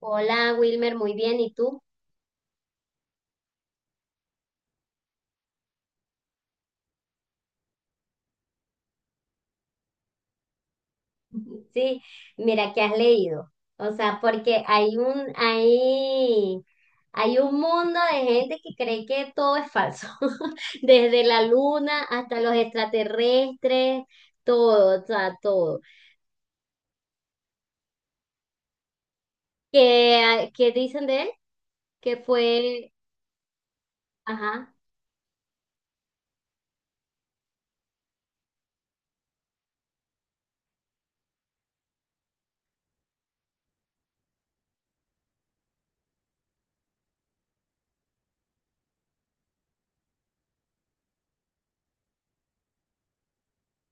Hola, Wilmer, muy bien. ¿Y tú? Sí, mira que has leído. O sea, porque hay un mundo de gente que cree que todo es falso. Desde la luna hasta los extraterrestres, todo, o sea, todo. ¿Qué dicen de él? Que fue, ajá.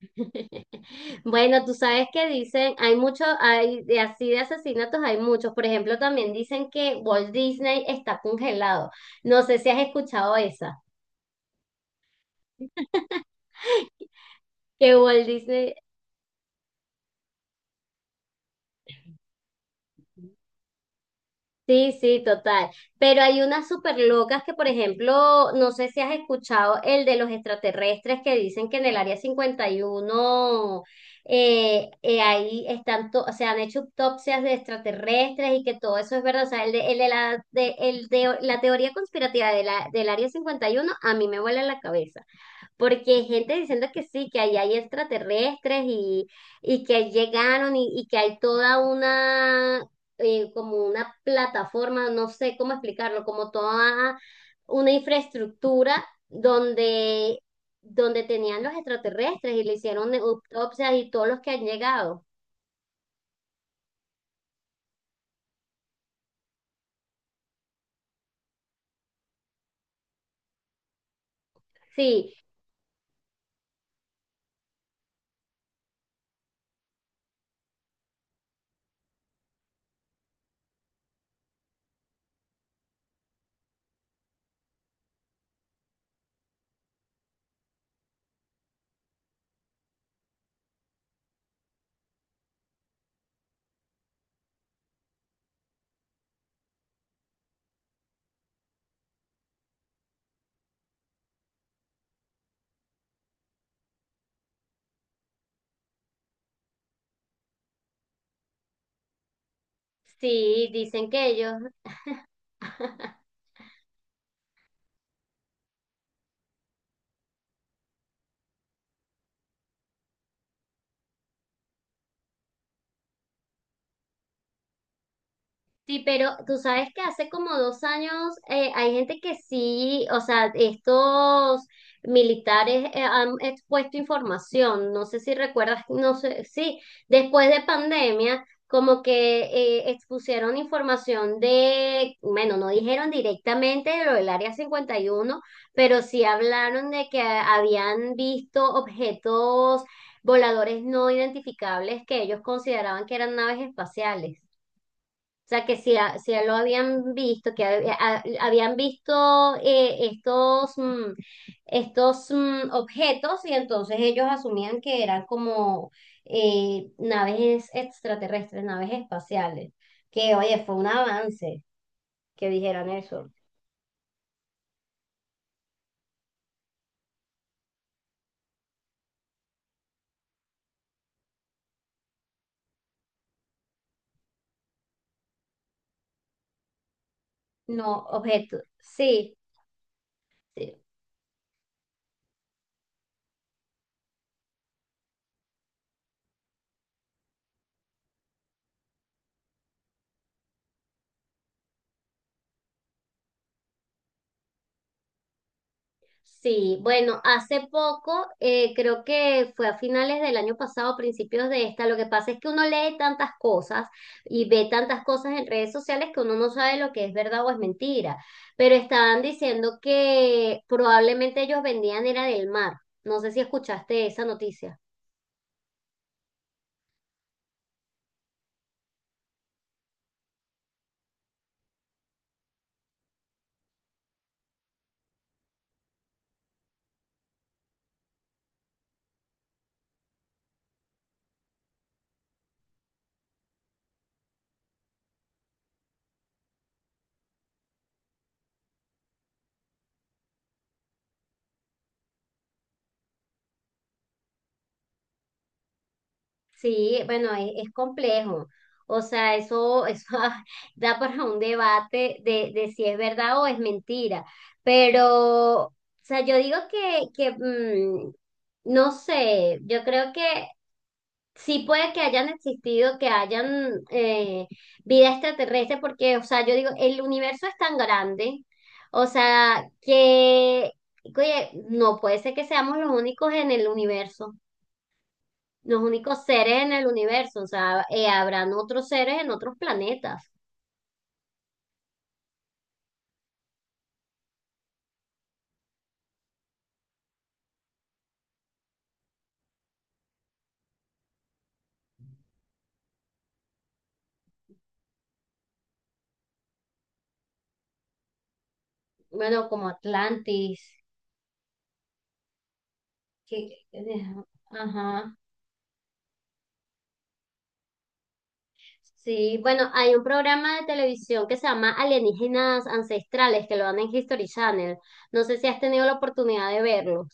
Bueno, tú sabes que dicen, hay muchos, hay de así de asesinatos, hay muchos. Por ejemplo, también dicen que Walt Disney está congelado. No sé si has escuchado esa, que Walt Disney. Sí, sí, total. Pero hay unas súper locas que, por ejemplo, no sé si has escuchado el de los extraterrestres que dicen que en el área 51, ahí están, o sea, han hecho autopsias de extraterrestres y que todo eso es verdad. O sea, el de la teoría conspirativa de del área cincuenta y uno a mí me vuela la cabeza. Porque hay gente diciendo que sí, que ahí hay extraterrestres y que ahí llegaron y que hay toda una, como una plataforma, no sé cómo explicarlo, como toda una infraestructura donde tenían los extraterrestres y le hicieron autopsias y todos los que han llegado. Sí, sí, dicen que ellos. Sí, pero tú sabes que hace como dos años, hay gente que sí, o sea, estos militares han expuesto información, no sé si recuerdas, no sé, sí, después de pandemia, como que expusieron información de, bueno, no dijeron directamente de lo del Área cincuenta y uno, pero sí hablaron de que habían visto objetos voladores no identificables que ellos consideraban que eran naves espaciales. O sea, que si, si a lo habían visto, que habían visto estos, estos objetos, y entonces ellos asumían que eran como naves extraterrestres, naves espaciales. Que oye, fue un avance que dijeran eso. No, objetos, sí. Sí. Sí, bueno, hace poco, creo que fue a finales del año pasado, principios de esta, lo que pasa es que uno lee tantas cosas y ve tantas cosas en redes sociales que uno no sabe lo que es verdad o es mentira, pero estaban diciendo que probablemente ellos vendían era del mar. No sé si escuchaste esa noticia. Sí, bueno, es complejo. O sea, eso da para un debate de si es verdad o es mentira. Pero, o sea, yo digo que, no sé, yo creo que sí puede que hayan existido, que hayan vida extraterrestre, porque, o sea, yo digo, el universo es tan grande, o sea, que, oye, no puede ser que seamos los únicos en el universo, los únicos seres en el universo, o sea, habrán otros seres en otros planetas, bueno, como Atlantis, que, ajá, sí, bueno, hay un programa de televisión que se llama Alienígenas Ancestrales, que lo dan en History Channel, no sé si has tenido la oportunidad de verlo.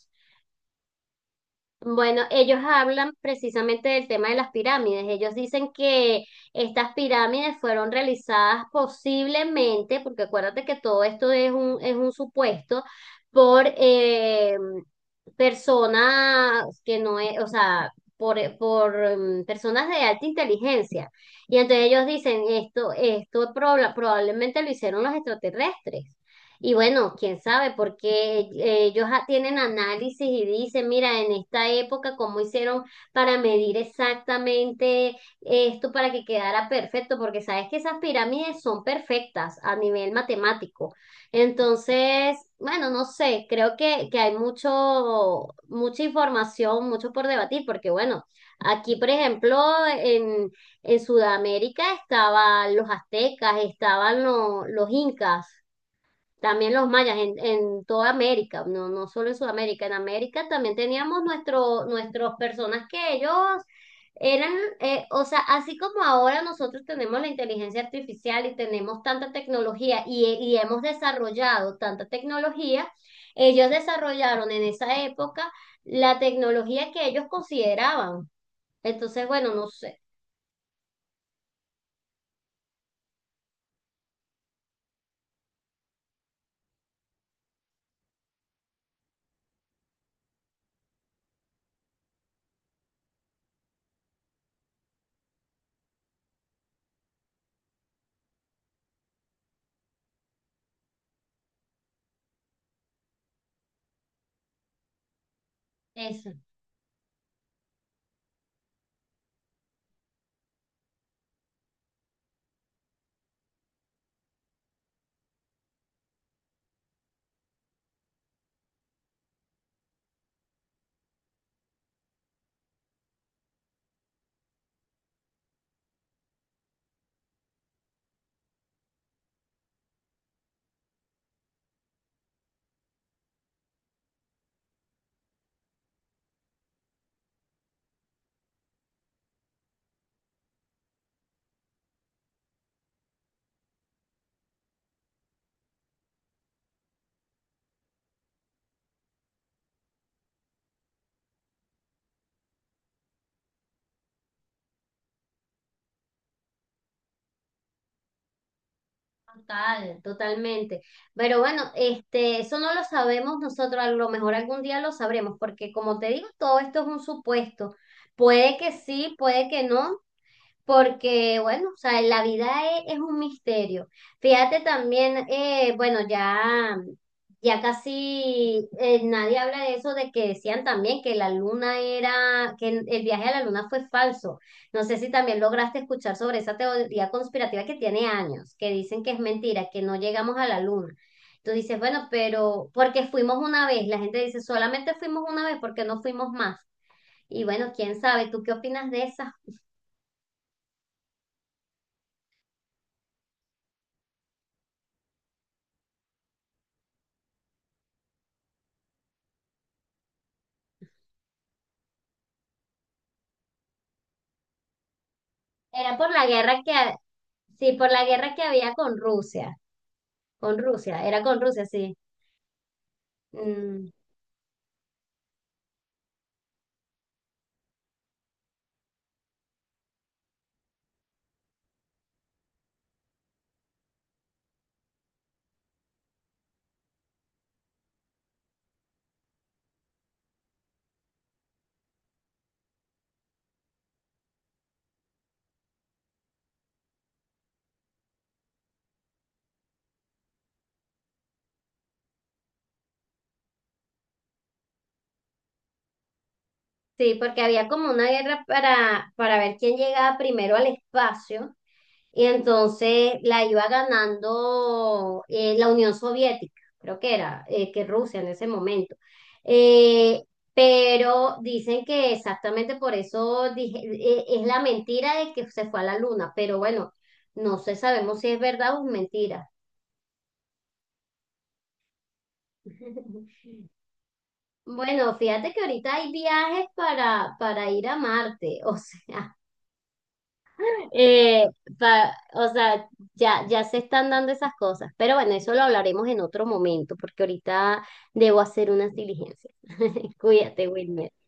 Bueno, ellos hablan precisamente del tema de las pirámides. Ellos dicen que estas pirámides fueron realizadas posiblemente, porque acuérdate que todo esto es es un supuesto, por personas que no es, o sea, personas de alta inteligencia. Y entonces ellos dicen, esto, probablemente lo hicieron los extraterrestres. Y bueno, quién sabe, porque ellos tienen análisis y dicen, mira, en esta época, cómo hicieron para medir exactamente esto para que quedara perfecto, porque sabes que esas pirámides son perfectas a nivel matemático. Entonces, bueno, no sé, creo que hay mucho, mucha información, mucho por debatir, porque bueno, aquí, por ejemplo, en, en Sudamérica estaban los aztecas, estaban los incas. También los mayas en toda América, no, no solo en Sudamérica, en América también teníamos nuestros personas que ellos eran, o sea, así como ahora nosotros tenemos la inteligencia artificial y tenemos tanta tecnología y hemos desarrollado tanta tecnología, ellos desarrollaron en esa época la tecnología que ellos consideraban. Entonces, bueno, no sé, eso. Total, totalmente. Pero bueno, este, eso no lo sabemos nosotros, a lo mejor algún día lo sabremos, porque como te digo, todo esto es un supuesto. Puede que sí, puede que no, porque, bueno, o sea, la vida es un misterio. Fíjate también, bueno, ya casi nadie habla de eso, de que decían también que la luna era, que el viaje a la luna fue falso. No sé si también lograste escuchar sobre esa teoría conspirativa que tiene años, que dicen que es mentira, que no llegamos a la luna. Tú dices, bueno, pero porque fuimos una vez, la gente dice, solamente fuimos una vez, ¿porque no fuimos más? Y bueno, quién sabe, ¿tú qué opinas de esas? Era por la guerra que, sí, por la guerra que había con Rusia, era con Rusia, sí. Mm, sí, porque había como una guerra para ver quién llegaba primero al espacio y entonces la iba ganando, la Unión Soviética, creo que era, que Rusia en ese momento. Eh, pero dicen que exactamente por eso dije, es la mentira de que se fue a la luna, pero bueno, no sé, sabemos si es verdad o es mentira. Bueno, fíjate que ahorita hay viajes para ir a Marte, o sea, eh, o sea, ya se están dando esas cosas, pero bueno, eso lo hablaremos en otro momento, porque ahorita debo hacer unas diligencias. Cuídate, Wilmer.